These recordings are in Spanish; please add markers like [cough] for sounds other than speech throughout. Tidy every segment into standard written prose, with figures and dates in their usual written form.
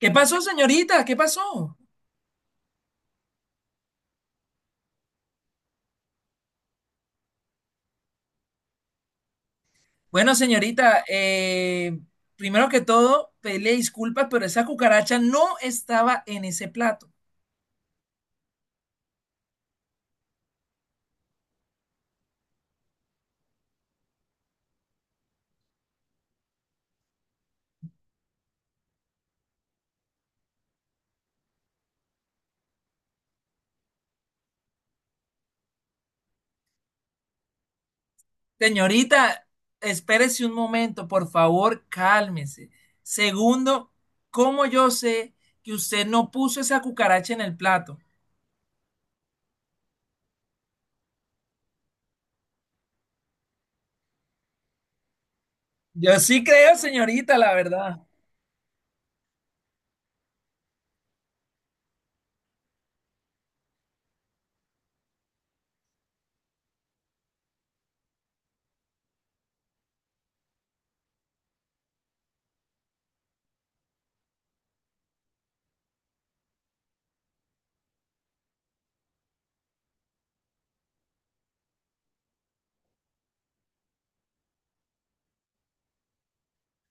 ¿Qué pasó, señorita? ¿Qué pasó? Bueno, señorita, primero que todo, pedirle disculpas, pero esa cucaracha no estaba en ese plato. Señorita, espérese un momento, por favor, cálmese. Segundo, ¿cómo yo sé que usted no puso esa cucaracha en el plato? Yo sí creo, señorita, la verdad.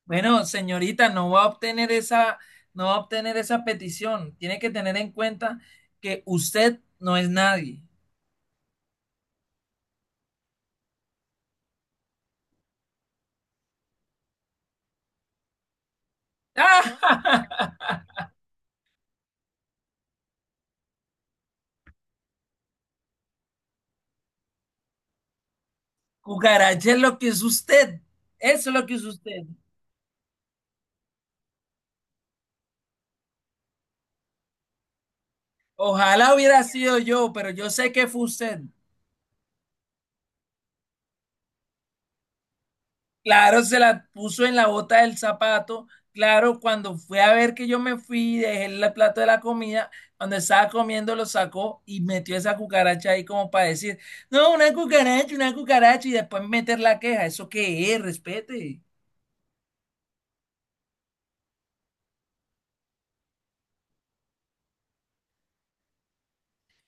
Bueno, señorita, no va a obtener esa, no va a obtener esa petición. Tiene que tener en cuenta que usted no es nadie. ¡Ah! [laughs] Cucaracha es lo que es usted. Eso es lo que es usted. Ojalá hubiera sido yo, pero yo sé que fue usted. Claro, se la puso en la bota del zapato. Claro, cuando fue a ver que yo me fui, dejé el plato de la comida, cuando estaba comiendo lo sacó y metió esa cucaracha ahí como para decir, no, una cucaracha, una cucaracha, y después meter la queja. ¿Eso qué es? Respete.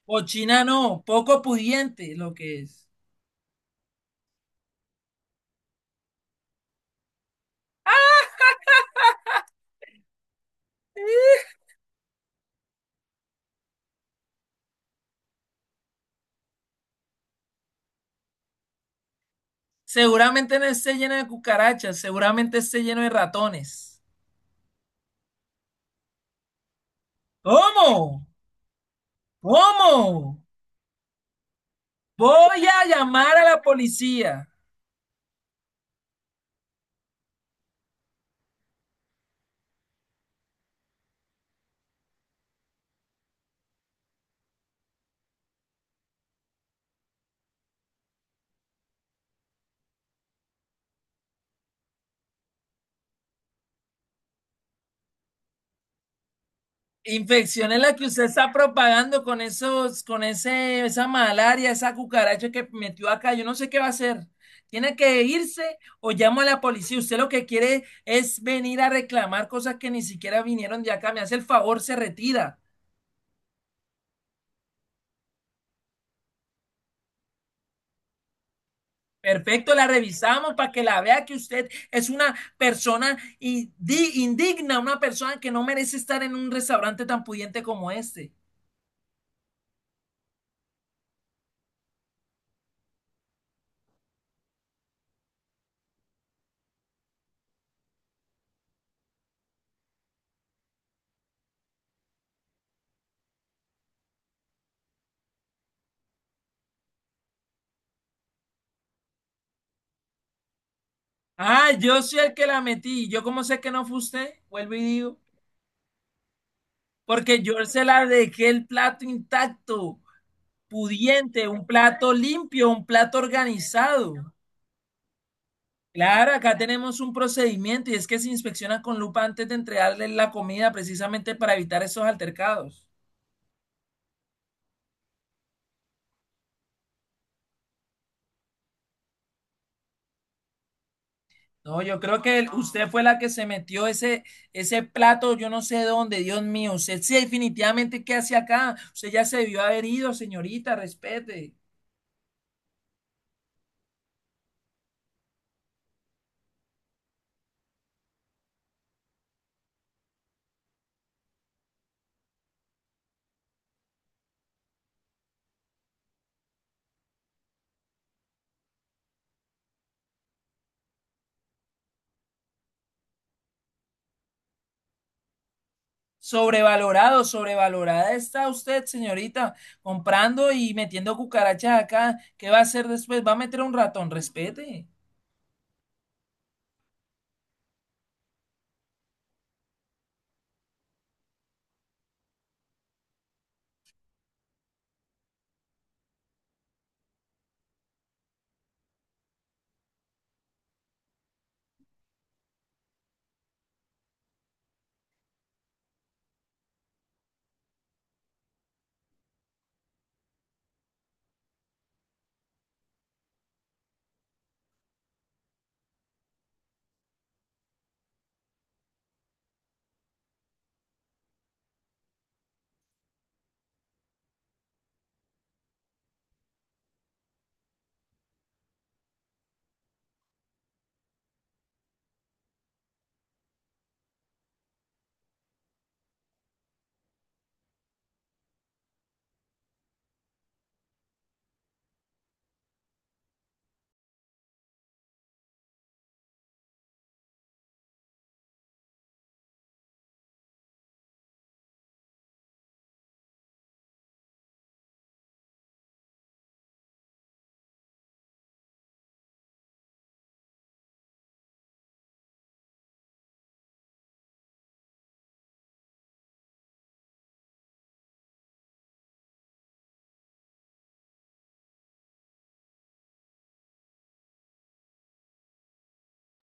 Cochina no, poco pudiente lo que es. Seguramente no esté lleno de cucarachas, seguramente esté lleno de ratones. ¿Cómo? ¿Cómo? Voy a llamar a la policía. Infección es la que usted está propagando con esa malaria, esa cucaracha que metió acá. Yo no sé qué va a hacer. Tiene que irse o llamo a la policía. Usted lo que quiere es venir a reclamar cosas que ni siquiera vinieron de acá. Me hace el favor, se retira. Perfecto, la revisamos para que la vea que usted es una persona indigna, una persona que no merece estar en un restaurante tan pudiente como este. Ah, yo soy el que la metí. ¿Yo cómo sé que no fue usted? Vuelvo y digo. Porque yo se la dejé el plato intacto, pudiente, un plato limpio, un plato organizado. Claro, acá tenemos un procedimiento y es que se inspecciona con lupa antes de entregarle la comida precisamente para evitar esos altercados. No, yo creo que usted fue la que se metió ese plato, yo no sé dónde, Dios mío. Usted sí, definitivamente, ¿qué hace acá? Usted ya se debió haber ido, señorita, respete. Sobrevalorado, sobrevalorada está usted, señorita, comprando y metiendo cucarachas acá. ¿Qué va a hacer después? ¿Va a meter un ratón? Respete.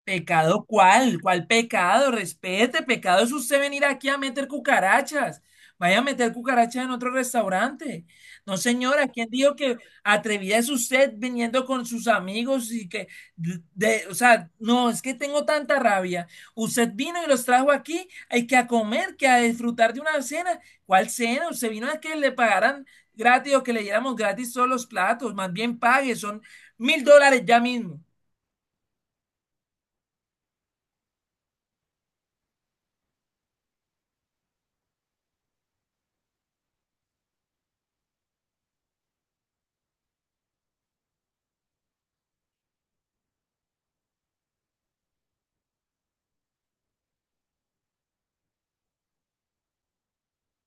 ¿Pecado cuál? ¿Cuál pecado? Respete, pecado es usted venir aquí a meter cucarachas. Vaya a meter cucarachas en otro restaurante. No, señora, ¿quién dijo que atrevida es usted viniendo con sus amigos y que, o sea, no, es que tengo tanta rabia. Usted vino y los trajo aquí, hay que a comer, que a disfrutar de una cena. ¿Cuál cena? Usted vino a que le pagaran gratis o que le diéramos gratis todos los platos. Más bien pague, son $1,000 ya mismo.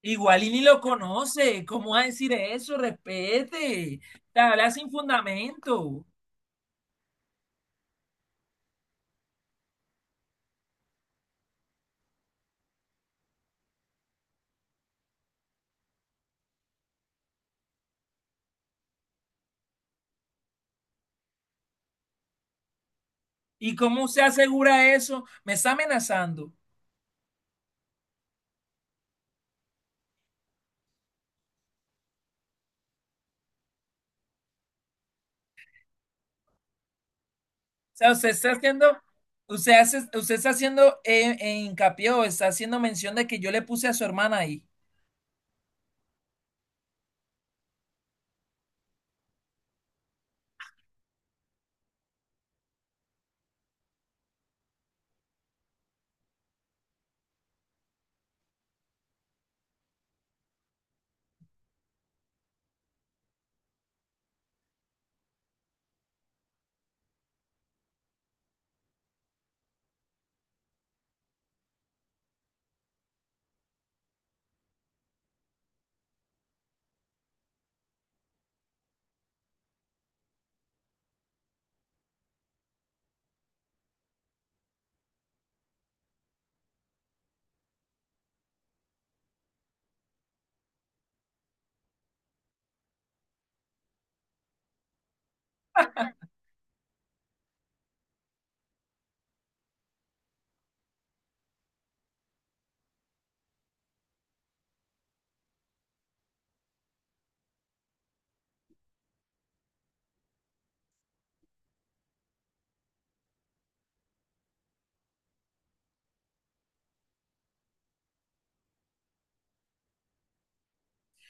Igual y ni lo conoce. ¿Cómo va a decir eso? Respete. Te habla sin fundamento. ¿Y cómo se asegura eso? Me está amenazando. O sea, usted está haciendo hincapié o está haciendo mención de que yo le puse a su hermana ahí.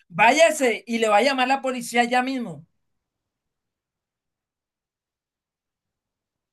Váyase y le va a llamar la policía ya mismo.